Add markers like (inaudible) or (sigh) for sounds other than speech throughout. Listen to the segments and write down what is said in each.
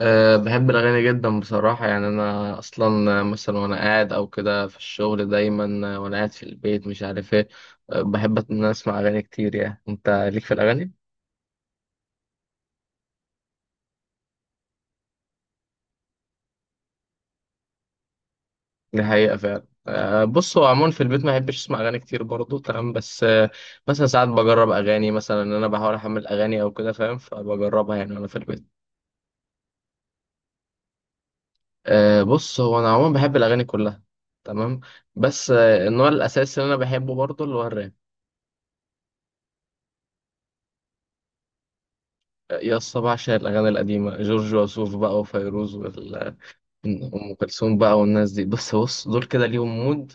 أه، بحب الأغاني جدا بصراحة، يعني أنا أصلا مثلا وأنا قاعد أو كده في الشغل دايما، وأنا قاعد في البيت مش عارف إيه. أه، بحب إن أنا أسمع أغاني كتير. يعني أنت ليك في الأغاني؟ دي حقيقة فعلا. أه، بص، هو عموما في البيت ما بحبش أسمع أغاني كتير برضه، تمام، بس أه. مثلا ساعات بجرب أغاني، مثلا إن أنا بحاول أحمل أغاني أو كده فاهم، فبجربها يعني وأنا في البيت. أه، بص، هو أنا عموما بحب الأغاني كلها. تمام. بس النوع الأساسي اللي أنا بحبه برضه اللي هو الراب. يا اسطى، بعشق الأغاني القديمة، جورج وسوف بقى وفيروز وال- وأم كلثوم بقى والناس دي، بس بص، دول كده ليهم مود.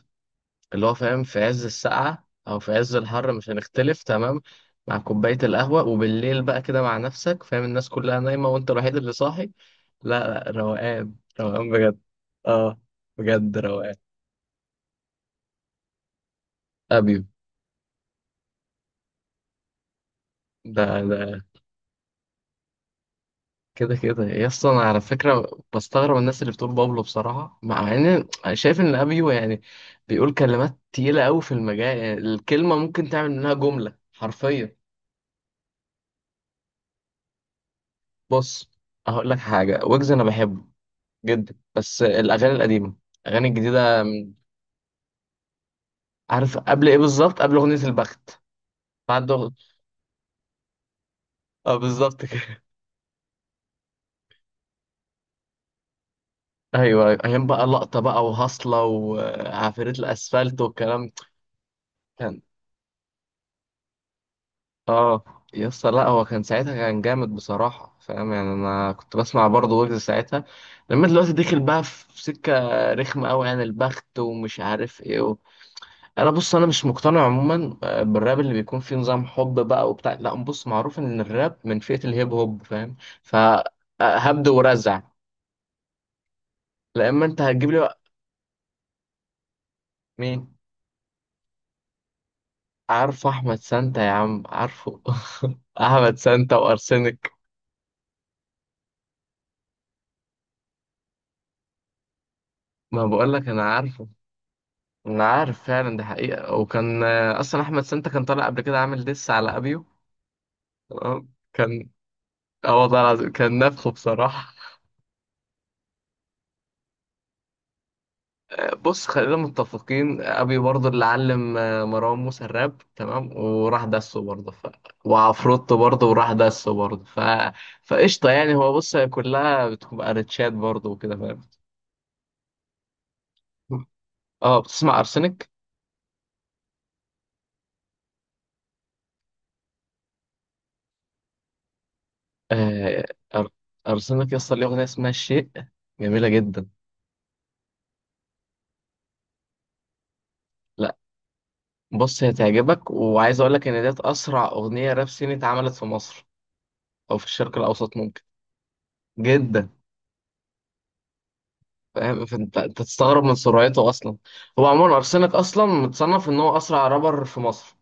اللي هو فاهم، في عز السقعة أو في عز الحر مش هنختلف، تمام. مع كوباية القهوة، وبالليل بقى كده مع نفسك، فاهم، الناس كلها نايمة وأنت الوحيد اللي صاحي. لا، لا، روقان روقان بجد. اه، بجد روقان. أبيو. ده. كده كده يا اسطى، انا على فكره بستغرب الناس اللي بتقول بابلو بصراحه، مع ان... شايف ان ابيو يعني... بيقول كلمات تقيله قوي في المجال، يعني الكلمه ممكن تعمل منها جمله حرفيا. بص. هقول لك حاجه، ويجز انا بحبه جدا، بس الاغاني القديمه. الاغاني الجديده عارف قبل ايه؟ بالظبط قبل اغنيه البخت. بعد أغ- اه، بالظبط كده. (laughs) ايوه، ايام بقى لقطه بقى وهصله وعفاريت الاسفلت والكلام. اه، يا اسطى، لا هو كان ساعتها كان جامد بصراحة فاهم، يعني انا كنت بسمع برضه ويجز ساعتها. لما دلوقتي دخل بقى في سكة رخمة قوي، يعني البخت ومش عارف ايه و... انا بص انا مش مقتنع عموما بالراب اللي بيكون فيه نظام حب بقى وبتاع، لا بص، معروف ان الراب من فئة الهيب هوب فاهم. فهبد ورزع. لا اما انت هتجيب لي بقى. مين؟ عارفه احمد سانتا يا عم، عارفه. (laughs) احمد سانتا وارسنك. ما بقول لك، انا عارفه. انا عارف فعلا دي حقيقة. وكان اصلا احمد سانتا كان طالع قبل كده عامل ديس على ابيو. تمام كان. اه والله العظيم، كان نفخه بصراحة. بص، خلينا متفقين، ابيو برضه اللي علم مروان موسى الراب، تمام، وراح دسه برضه ف... وعفروتو برضه وراح دسه برضه ف... فقشطة، يعني هو بص، هي كلها بتبقى ريتشات برضه وكده فاهم. اه، بتسمع ارسنك؟ آه... أر... ارسنك يا اسطى، ليه اغنية اسمها الشيء. جميلة جدا. لا، بص، هي تعجبك وعايز اقول لك ان ديت اسرع اغنيه راب صيني اتعملت في مصر او في الشرق الاوسط ممكن. جدا. فاهم، فانت تستغرب من سرعته اصلا. هو عموما ارسنال اصلا متصنف ان هو اسرع رابر في مصر.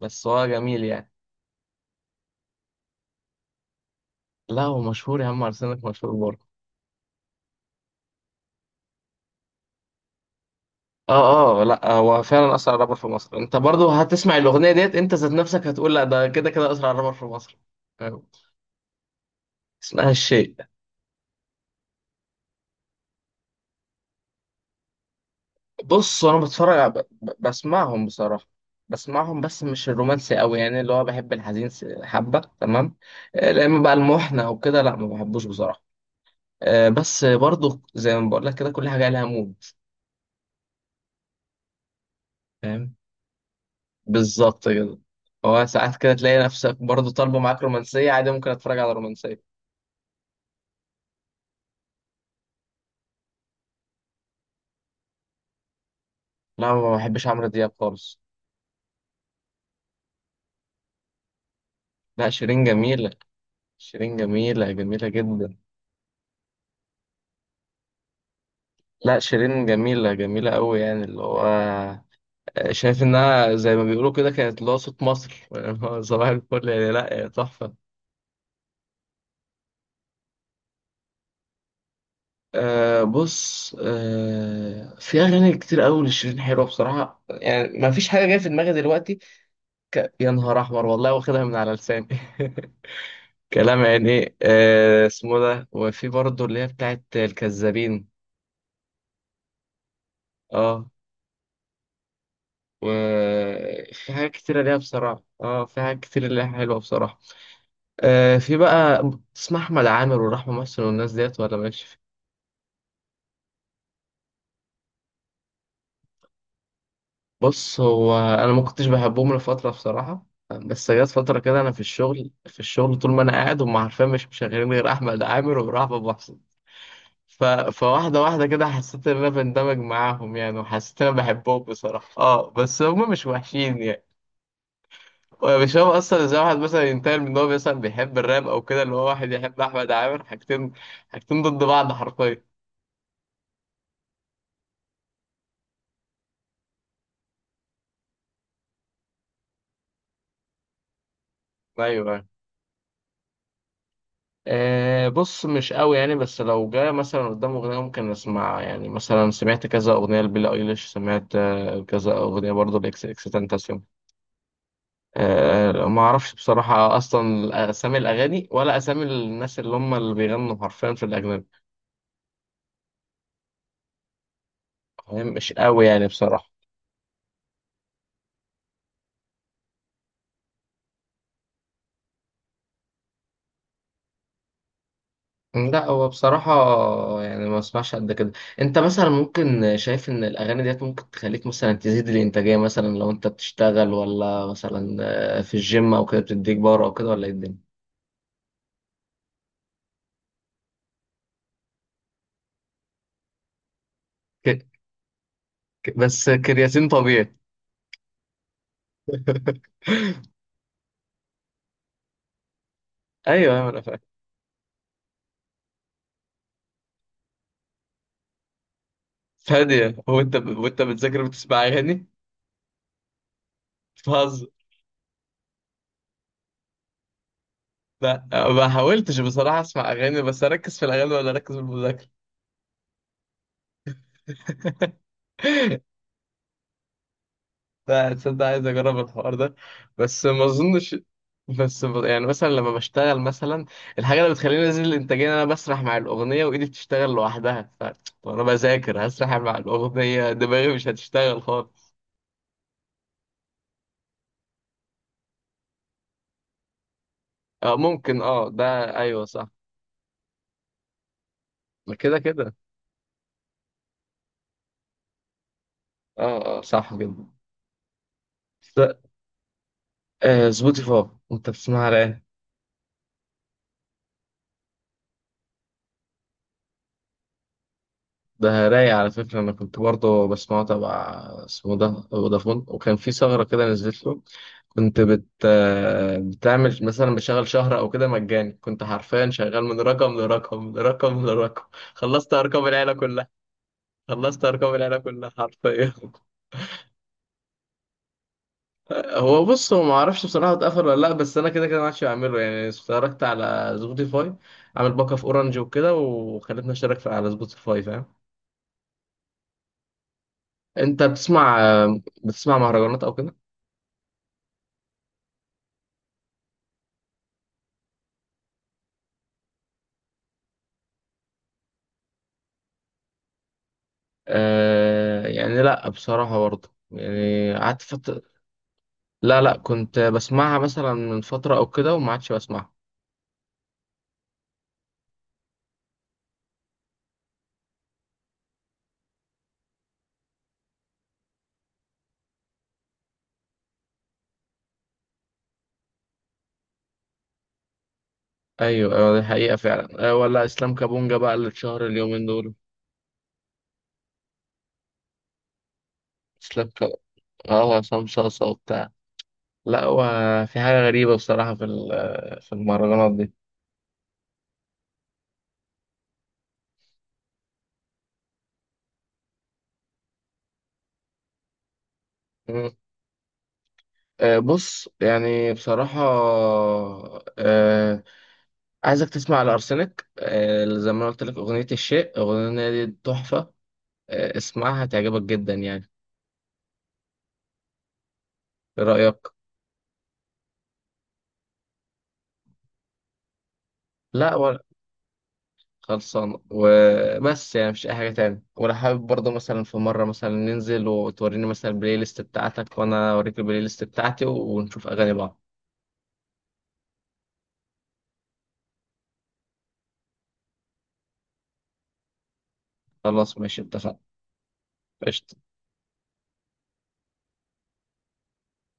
بس هو جميل يعني. لا هو مشهور، يا عم، ارسنال مشهور برضه. اه، اه، لا هو فعلا اسرع رابر في مصر، انت برضه هتسمع الاغنيه ديت انت ذات نفسك هتقول لا، ده كده كده اسرع رابر في مصر. فاهم؟ اسمها الشيء. بص، انا بسمعهم بصراحه. بسمعهم، بس مش الرومانسي قوي، يعني اللي هو بحب الحزين حبه تمام. لا اما بقى المحنه او كده، لا، ما بحبوش بصراحه. بس برضو زي ما بقول لك، كده كل حاجه لها مود. فاهم. بالظبط كده. هو ساعات كده تلاقي نفسك برضو طالبه معاك رومانسيه، عادي ممكن اتفرج على رومانسيه. لا، ما بحبش عمرو دياب خالص. لا، شيرين جميله. شيرين جميله جميله جدا. لا، شيرين جميله جميله قوي، يعني اللي هو... شايف انها زي ما بيقولوا كده، كانت اللي هو صوت مصر (laughs) صباح الفل، يعني لا تحفه. أه، بص، في اغاني كتير قوي لشيرين حلوه بصراحه، يعني ما فيش حاجه جايه في دماغي دلوقتي. يا نهار احمر والله، واخدها من على لساني. (laughs) كلام، يعني ايه اسمه ده، وفي برضه اللي هي بتاعت الكذابين. اه، وفي حاجات كتيرة ليها بصراحة، اه في حاجات كتير ليها حلوة بصراحة. في بقى اسمها أحمد عامر ورحمة محسن والناس ديت، ولا ماشي؟ بص، هو انا ما كنتش بحبهم لفتره بصراحه، بس جت فتره كده انا في الشغل طول ما انا قاعد، هم عارفين مش مشغلين غير احمد عامر ورحب ابو حسن. فواحده واحده كده، حسيت ان انا بندمج معاهم يعني، وحسيت ان انا بحبهم بصراحه، اه بس هم مش وحشين يعني. مش هو اصلا زي واحد مثلا ينتقل من ان هو مثلا بيحب الراب او كده، اللي هو واحد يحب احمد عامر، حاجتين. حاجتين ضد بعض حرفيا. ايوه. أه، بص مش قوي يعني، بس لو جه مثلا قدام أغنية ممكن أسمع، يعني مثلا سمعت كذا أغنية لبيلي أيليش، سمعت كذا أغنية برضه لإكس إكس تنتاسيون. أه، ما أعرفش بصراحة أصلا أسامي الأغاني ولا أسامي الناس اللي هم اللي بيغنوا حرفيا في الأجنبي. فاهم؟ مش قوي يعني بصراحة. لا هو بصراحة، يعني ما اسمعش قد كده. انت مثلا ممكن شايف ان الاغاني ديت ممكن تخليك مثلا تزيد الانتاجية، مثلا لو انت بتشتغل، ولا مثلا في الجيم او كده بتديك باور او كده، ولا ايه الدنيا؟ ك... بس كرياتين طبيعي. (laughs) ايوه، ايوه، انا فاهم. ثانية، هو انت وانت بتذاكر بتسمع اغاني؟ بتهزر؟ لا، ما حاولتش بصراحة اسمع اغاني، بس اركز في الاغاني ولا اركز في المذاكرة. (laughs) لا، تصدق عايز اجرب الحوار ده. بس ما اظنش. بس يعني مثلا لما بشتغل مثلا، الحاجة اللي بتخليني انزل الانتاجية إن انا بسرح مع الاغنية وايدي بتشتغل لوحدها ف... وانا بذاكر هسرح مع الاغنية، دماغي مش هتشتغل خالص. ممكن، اه ده ايوه صح. كده كده. اه، اه، صح جدا. ف- سبوتيفاي، انت بتسمعها على ايه؟ ده رايق على فكرة، أنا كنت برضه بسمعه تبع، اسمه ده فودافون، وكان في ثغرة كده نزلت له. كنت بت آه، بتعمل مثلا بشغل شهر أو كده مجاني، كنت حرفيا شغال من رقم لرقم لرقم لرقم. خلصت أرقام العيلة كلها. خلصت أرقام العيلة كلها حرفيا. هو بص هو ما اعرفش بصراحه اتقفل ولا لا، بس انا كده كده ما عادش بعمله، يعني اشتركت على سبوتيفاي. عامل باك اب اورنج وكده، وخلتني اشترك على سبوتيفاي فاهم. انت بتسمع مهرجانات او كده؟ آه، يعني لا بصراحه، برضه يعني قعدت فتره. لا، لا، كنت بسمعها مثلا من فتره او كده وما عادش بسمعها. ايوه، ايوه، دي حقيقه فعلا، ولا اسلام كابونجا بقى اللي اتشهر اليومين دول. اسلام كابونجا. اه، عصام صاصا وبتاع. لا هو، في حاجة غريبة بصراحة في المهرجانات دي. مم. بص يعني بصراحة، آه، عايزك تسمع الأرسنك، زي ما أنا قلت لك أغنية الشيء، أغنية دي تحفة. اسمعها تعجبك جدا يعني. إيه رأيك؟ لا، ولا خلصان وبس، يعني مش أي حاجة تاني، ولا حابب برضه مثلا في مرة مثلا ننزل وتوريني مثلا البلاي ليست بتاعتك وأنا أوريك البلاي ليست بتاعتي ونشوف أغاني بعض. خلاص ماشي، اتفقنا. قشطة.